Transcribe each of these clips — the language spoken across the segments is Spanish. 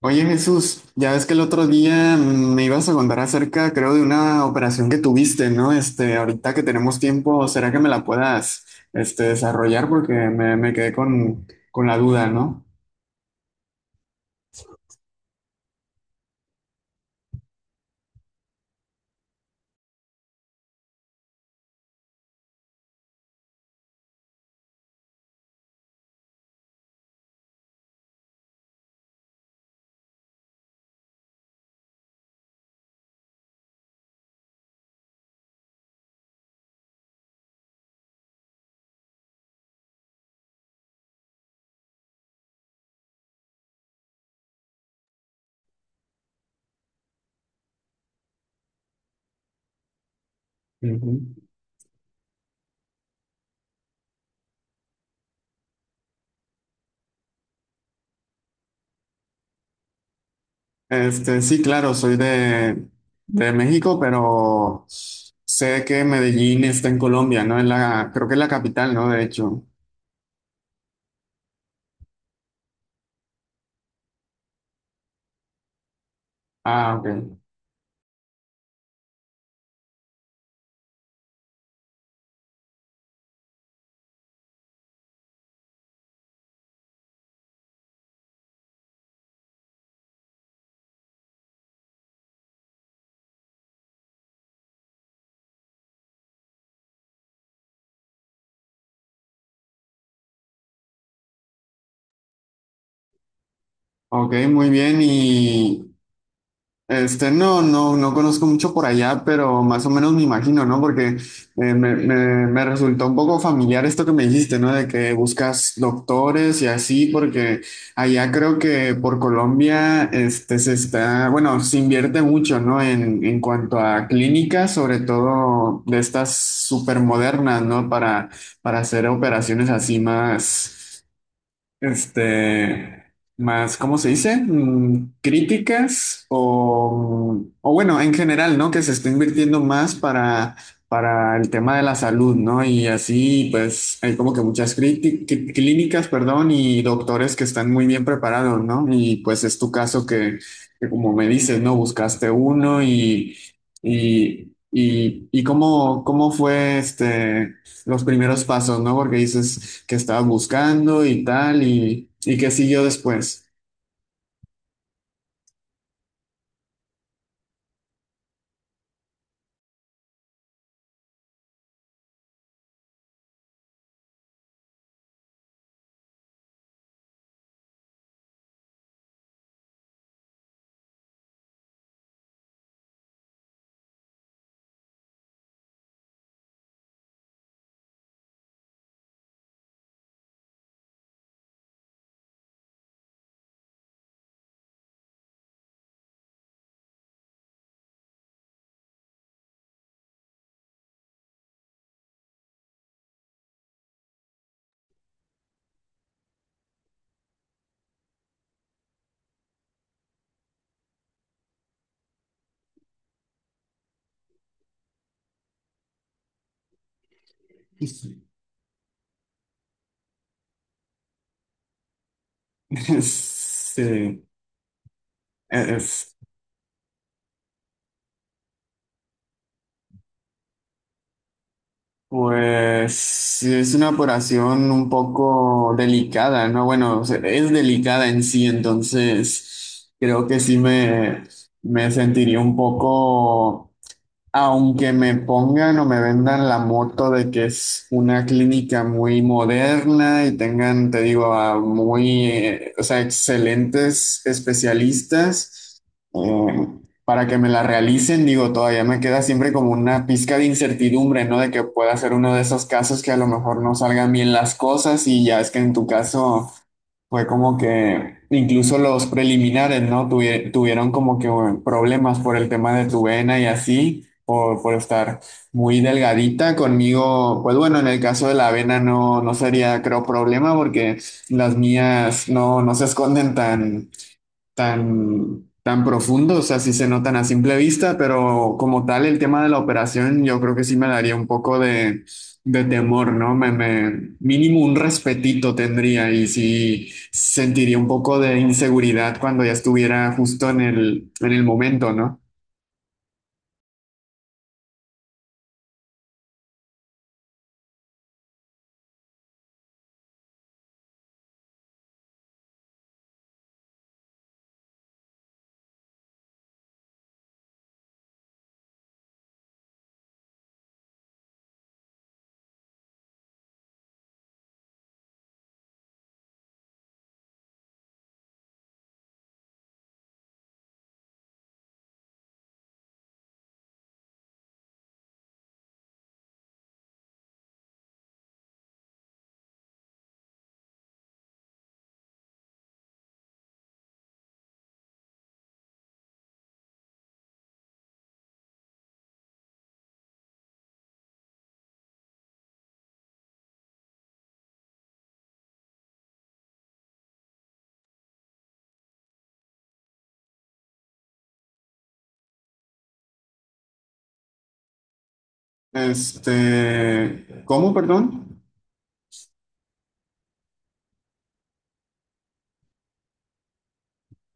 Oye Jesús, ya ves que el otro día me ibas a contar acerca, creo, de una operación que tuviste, ¿no? Ahorita que tenemos tiempo, ¿será que me la puedas, desarrollar? Porque me quedé con la duda, ¿no? Ujú. Sí, claro, soy de México, pero sé que Medellín está en Colombia, ¿no? En la, creo que es la capital, ¿no? De hecho. Ah, ok. Ok, muy bien. No, no, no conozco mucho por allá, pero más o menos me imagino, ¿no? Porque me resultó un poco familiar esto que me dijiste, ¿no? De que buscas doctores y así, porque allá creo que por Colombia, bueno, se invierte mucho, ¿no? En cuanto a clínicas, sobre todo de estas supermodernas, ¿no? para, hacer operaciones así más. Este, Más, ¿cómo se dice? Críticas o bueno, en general, ¿no? Que se está invirtiendo más para el tema de la salud, ¿no? Y así, pues, hay como que muchas clínicas, perdón, y doctores que están muy bien preparados, ¿no? Y pues es tu caso que como me dices, ¿no? Buscaste uno y cómo fue los primeros pasos, ¿no? Porque dices que estabas buscando y tal, y qué siguió después. Sí, es- pues sí, es una operación un poco delicada, ¿no? Bueno, o sea, es delicada en sí, entonces creo que sí me sentiría un poco. Aunque me pongan o me vendan la moto de que es una clínica muy moderna y tengan, te digo, a muy, o sea, excelentes especialistas, eh, para que me la realicen, digo, todavía me queda siempre como una pizca de incertidumbre, ¿no? De que pueda ser uno de esos casos que a lo mejor no salgan bien las cosas y ya es que en tu caso. Fue como que incluso los preliminares, ¿no? Tuvieron como que bueno, problemas por el tema de tu vena y así, por, estar muy delgadita conmigo. Pues bueno, en el caso de la vena no, no, sería, creo, problema porque las mías no se esconden tan, tan, tan profundo, o sea, sí se notan a simple vista, pero como tal el tema de la operación yo creo que sí me daría un poco de, temor, ¿no? Mínimo un respetito tendría y sí sentiría un poco de inseguridad cuando ya estuviera justo en el momento, ¿no? ¿Cómo, perdón?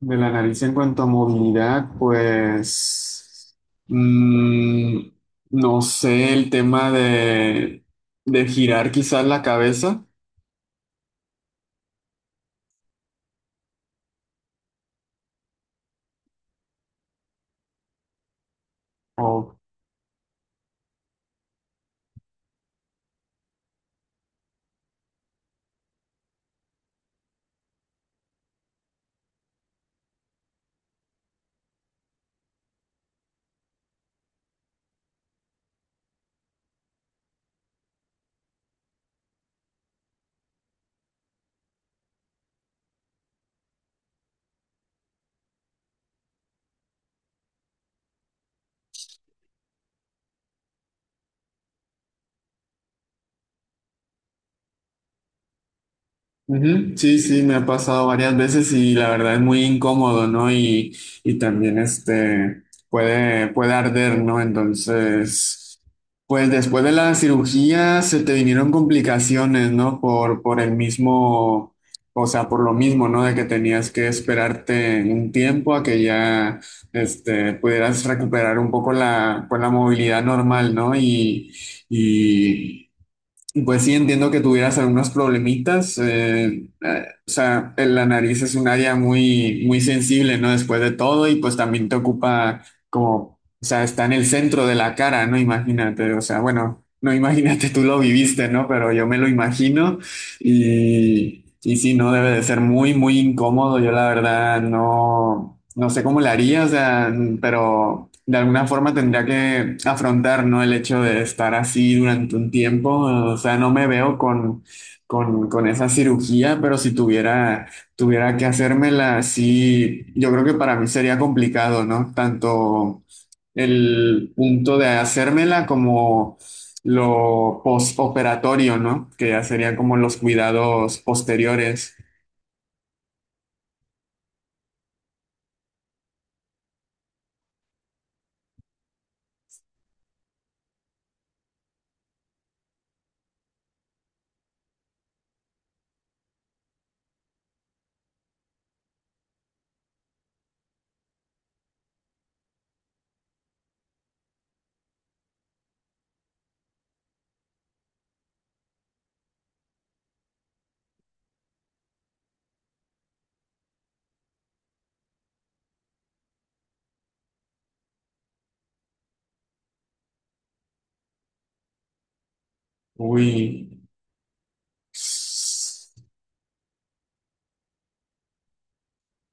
De la nariz en cuanto a movilidad, pues mm, no sé, el tema de, girar quizás la cabeza o. Ujú. Sí, sí, me ha pasado varias veces y la verdad es muy incómodo, ¿no? y, también puede arder, ¿no? Entonces, pues después de la cirugía se te vinieron complicaciones, ¿no? por el mismo, o sea, por lo mismo, ¿no? De que tenías que esperarte un tiempo a que ya pudieras recuperar un poco la, pues, la movilidad normal, ¿no? y pues sí, entiendo que tuvieras algunos problemitas. O sea, en la nariz es un área muy, muy sensible, ¿no? Después de todo, y pues también te ocupa como, o sea, está en el centro de la cara, ¿no? Imagínate, o sea, bueno, no imagínate, tú lo viviste, ¿no? Pero yo me lo imagino. y, sí, no debe de ser muy, muy incómodo. Yo la verdad no sé cómo le haría, o sea, pero de alguna forma tendría que afrontar, ¿no? El hecho de estar así durante un tiempo. O sea, no me veo con, esa cirugía, pero si tuviera que hacérmela, sí, yo creo que para mí sería complicado, ¿no? Tanto el punto de hacérmela como lo postoperatorio, ¿no? Que ya serían como los cuidados posteriores. Uy.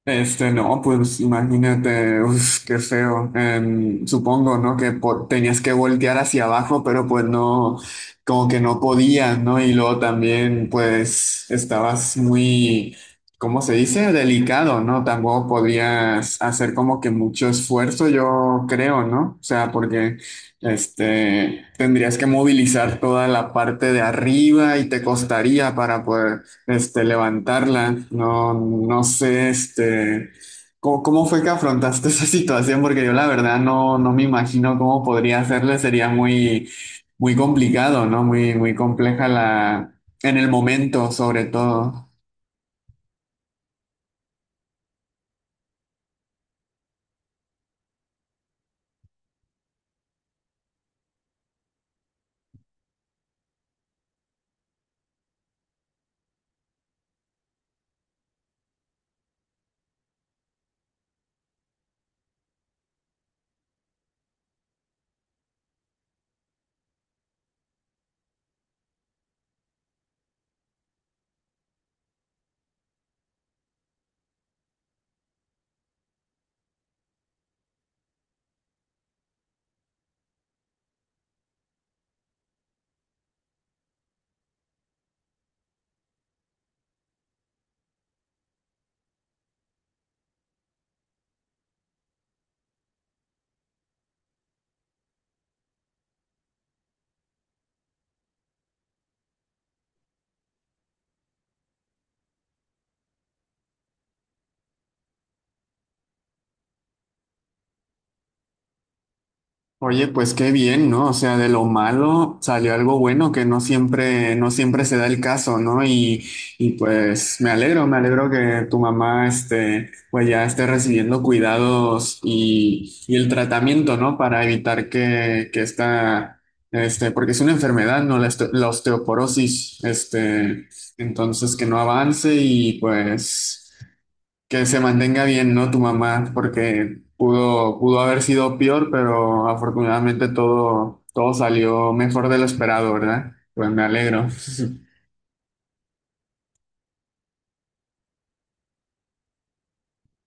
No, pues imagínate, uf, qué feo. Supongo, ¿no? Que tenías que voltear hacia abajo, pero pues no, como que no podías, ¿no? Y luego también, pues, estabas muy, ¿cómo se dice? Delicado, ¿no? Tampoco podías hacer como que mucho esfuerzo, yo creo, ¿no? O sea, porque, tendrías que movilizar toda la parte de arriba y te costaría para poder levantarla. No, no sé, ¿cómo fue que afrontaste esa situación? Porque yo la verdad no, me imagino cómo podría hacerle. Sería muy, muy complicado, ¿no? Muy, muy compleja la, en el momento, sobre todo. Oye, pues qué bien, ¿no? O sea, de lo malo salió algo bueno que no siempre, no siempre se da el caso, ¿no? Y, y, pues me alegro que tu mamá pues ya esté recibiendo cuidados y, el tratamiento, ¿no? Para evitar que porque es una enfermedad, ¿no? La, este- la osteoporosis, entonces que no avance y pues que se mantenga bien, ¿no? Tu mamá, porque pudo, haber sido peor, pero afortunadamente todo salió mejor de lo esperado, ¿verdad? Pues me alegro.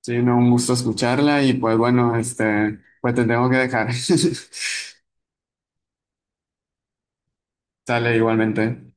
Sí, no, un gusto escucharla y pues bueno, pues te tengo que dejar. Sale igualmente.